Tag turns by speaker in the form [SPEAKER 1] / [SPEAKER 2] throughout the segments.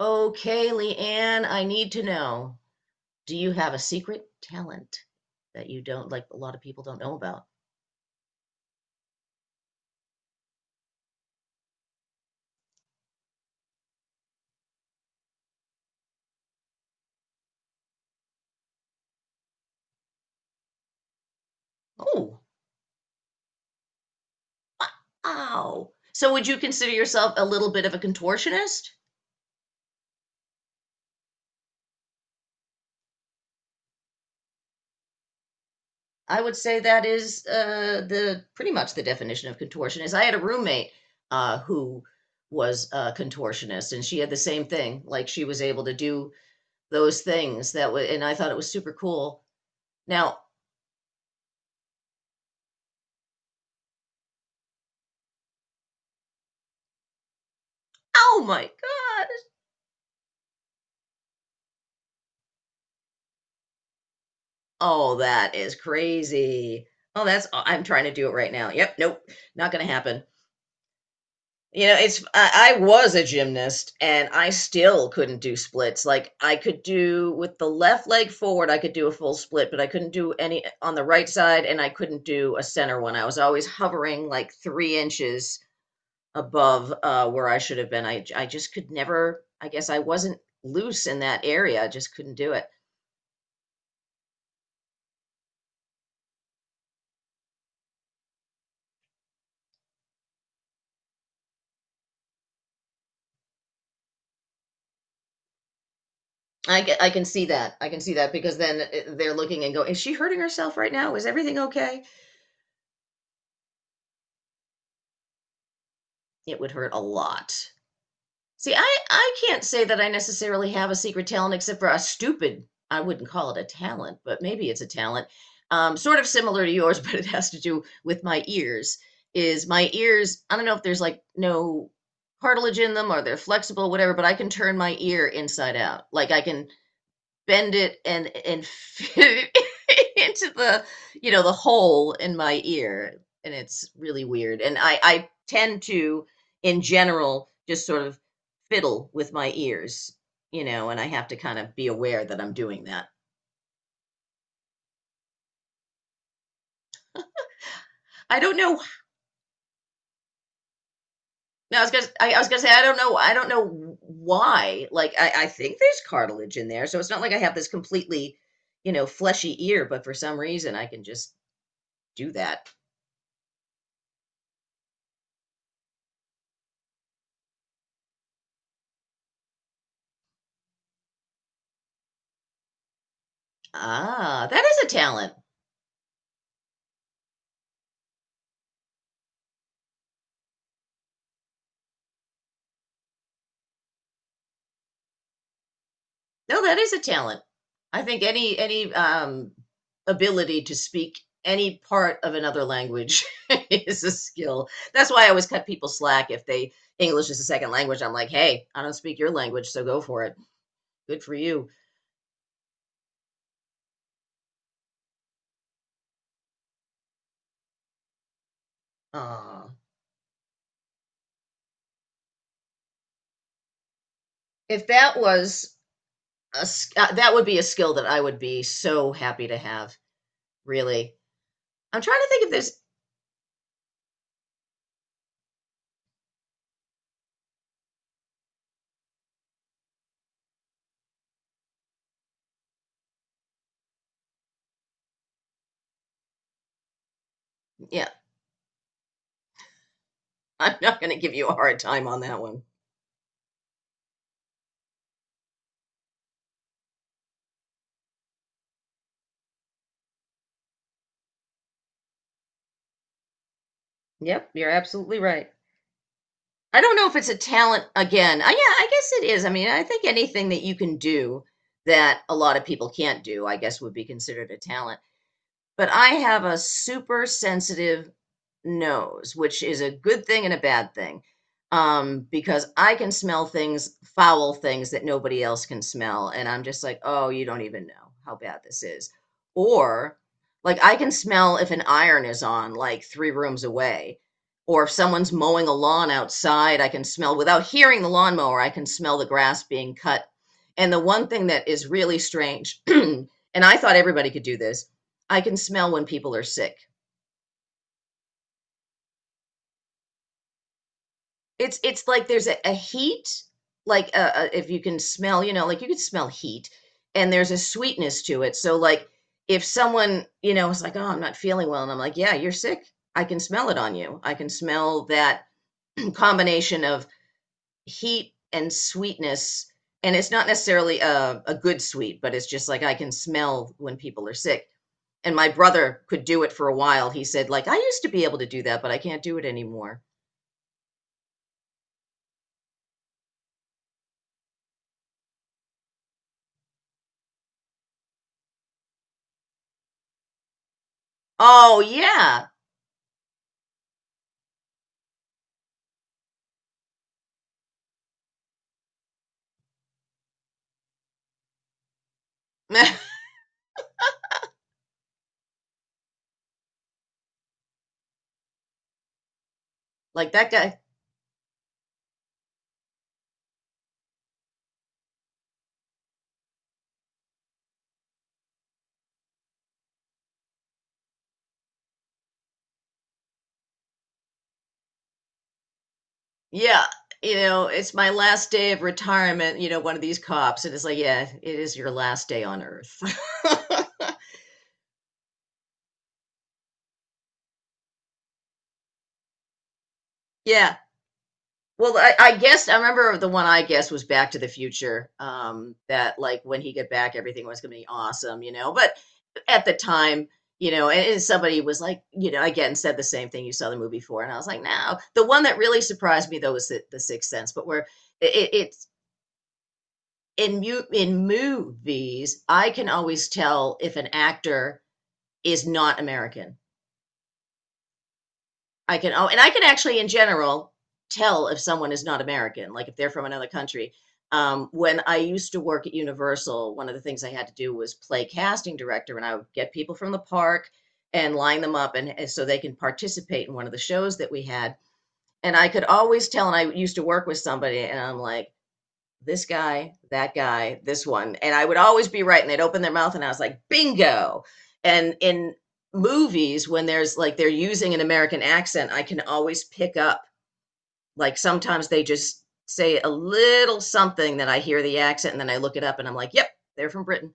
[SPEAKER 1] Okay, Leanne, I need to know. Do you have a secret talent that you don't a lot of people don't know about? Oh, wow. So would you consider yourself a little bit of a contortionist? I would say that is the pretty much the definition of contortionist. I had a roommate who was a contortionist, and she had the same thing. Like she was able to do those things that was, and I thought it was super cool. Now, oh my God. Oh, that is crazy. Oh, that's I'm trying to do it right now. Yep, nope, not gonna happen. It's I was a gymnast and I still couldn't do splits. Like I could do with the left leg forward, I could do a full split, but I couldn't do any on the right side and I couldn't do a center one. I was always hovering like 3 inches above where I should have been. I just could never, I guess I wasn't loose in that area. I just couldn't do it. I get. I can see that. I can see that because then they're looking and go, is she hurting herself right now? Is everything okay? It would hurt a lot. See, I can't say that I necessarily have a secret talent except for a stupid, I wouldn't call it a talent, but maybe it's a talent, sort of similar to yours, but it has to do with my ears. Is my ears, I don't know if there's like no cartilage in them or they're flexible, whatever, but I can turn my ear inside out. Like I can bend it and fit it into the the hole in my ear, and it's really weird, and I tend to in general just sort of fiddle with my ears, and I have to kind of be aware that I'm doing that. I don't know. No I was gonna I was gonna say, I don't know, I don't know why, like I think there's cartilage in there, so it's not like I have this completely, fleshy ear, but for some reason I can just do that. Ah, that is a talent. No, that is a talent. I think any ability to speak any part of another language is a skill. That's why I always cut people slack if they English is a second language. I'm like, hey, I don't speak your language, so go for it. Good for you. Uh, if that was a that would be a skill that I would be so happy to have. Really, I'm trying to think if there's. Yeah, I'm not going to give you a hard time on that one. Yep, you're absolutely right. I don't know if it's a talent again. Yeah, I guess it is. I mean, I think anything that you can do that a lot of people can't do, I guess would be considered a talent. But I have a super sensitive nose, which is a good thing and a bad thing. Because I can smell things, foul things that nobody else can smell. And I'm just like, oh, you don't even know how bad this is. Or like I can smell if an iron is on, like three rooms away. Or if someone's mowing a lawn outside, I can smell without hearing the lawnmower, I can smell the grass being cut. And the one thing that is really strange, and I thought everybody could do this, I can smell when people are sick. It's like there's a heat, like if you can smell, you know, like you could smell heat, and there's a sweetness to it. So like if someone, you know, is like, oh, I'm not feeling well, and I'm like, yeah, you're sick. I can smell it on you. I can smell that combination of heat and sweetness. And it's not necessarily a good sweet, but it's just like I can smell when people are sick. And my brother could do it for a while. He said, like, I used to be able to do that, but I can't do it anymore. Oh, yeah. Like that guy, yeah, you know, it's my last day of retirement, you know, one of these cops. And it's like, yeah, it is your last day on earth. Yeah. Well, I guess I remember the one I guess was Back to the Future. That like when he got back, everything was gonna be awesome, you know. But at the time, you know, and somebody was like, you know, again said the same thing you saw the movie for, and I was like, no. The one that really surprised me though was the Sixth Sense, but where it in movies, I can always tell if an actor is not American. I can oh, and I can actually, in general, tell if someone is not American, like if they're from another country. When I used to work at Universal, one of the things I had to do was play casting director, and I would get people from the park and line them up, and so they can participate in one of the shows that we had. And I could always tell, and I used to work with somebody, and I'm like, this guy, that guy, this one. And I would always be right. And they'd open their mouth and I was like, bingo. And in movies, when there's like they're using an American accent, I can always pick up, like sometimes they just say a little something that I hear the accent and then I look it up and I'm like, yep, they're from Britain.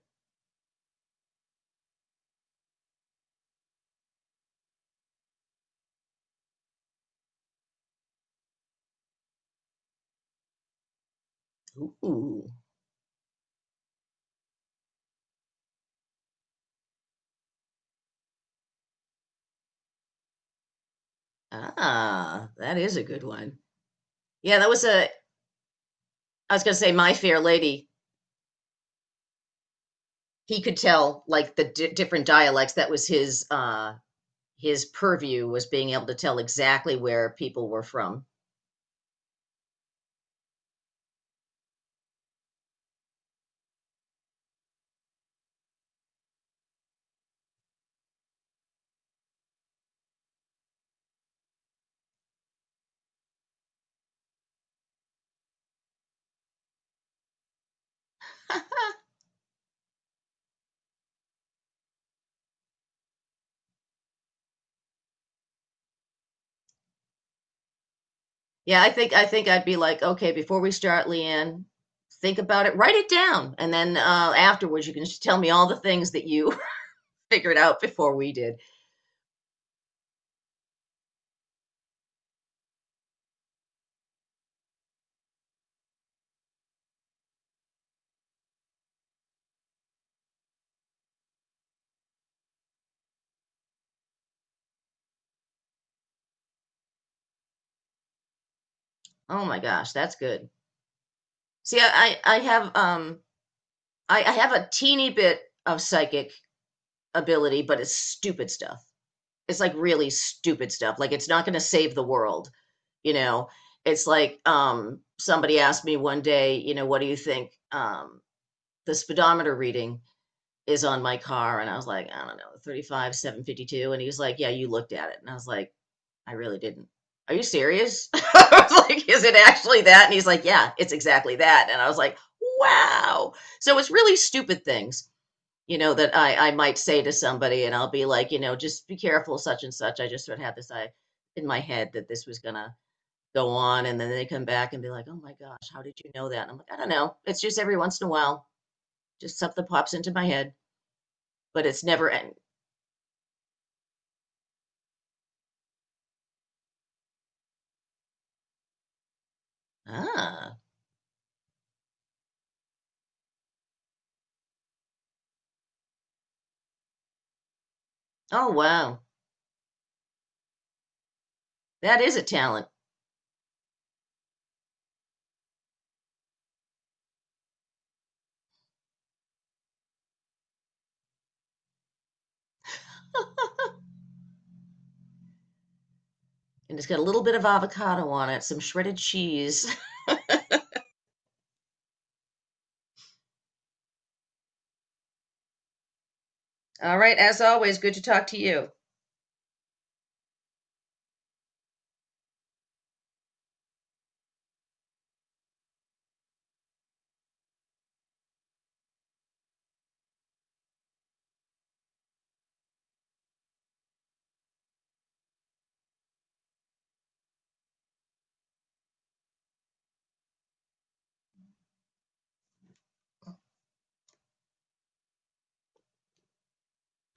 [SPEAKER 1] Ooh, ah, that is a good one. Yeah, that was I was going to say, My Fair Lady. He could tell like the di different dialects. That was his purview was being able to tell exactly where people were from. Yeah, I think I'd be like, okay, before we start, Leanne, think about it, write it down, and then afterwards you can just tell me all the things that you figured out before we did. Oh my gosh, that's good. See, I have a teeny bit of psychic ability, but it's stupid stuff. It's like really stupid stuff. Like it's not going to save the world, you know. It's like somebody asked me one day, you know, what do you think the speedometer reading is on my car? And I was like, I don't know, 35, 752. And he was like, yeah, you looked at it. And I was like, I really didn't. Are you serious? I was like, is it actually that? And he's like, yeah, it's exactly that. And I was like, wow. So it's really stupid things, you know, that I might say to somebody and I'll be like, you know, just be careful, such and such. I just sort of had this I in my head that this was gonna go on and then they come back and be like, oh my gosh, how did you know that? And I'm like, I don't know. It's just every once in a while, just something pops into my head, but it's never end. Ah. Oh wow. That is a talent. And it's got a little bit of avocado on it, some shredded cheese. All right, as always, good to talk to you.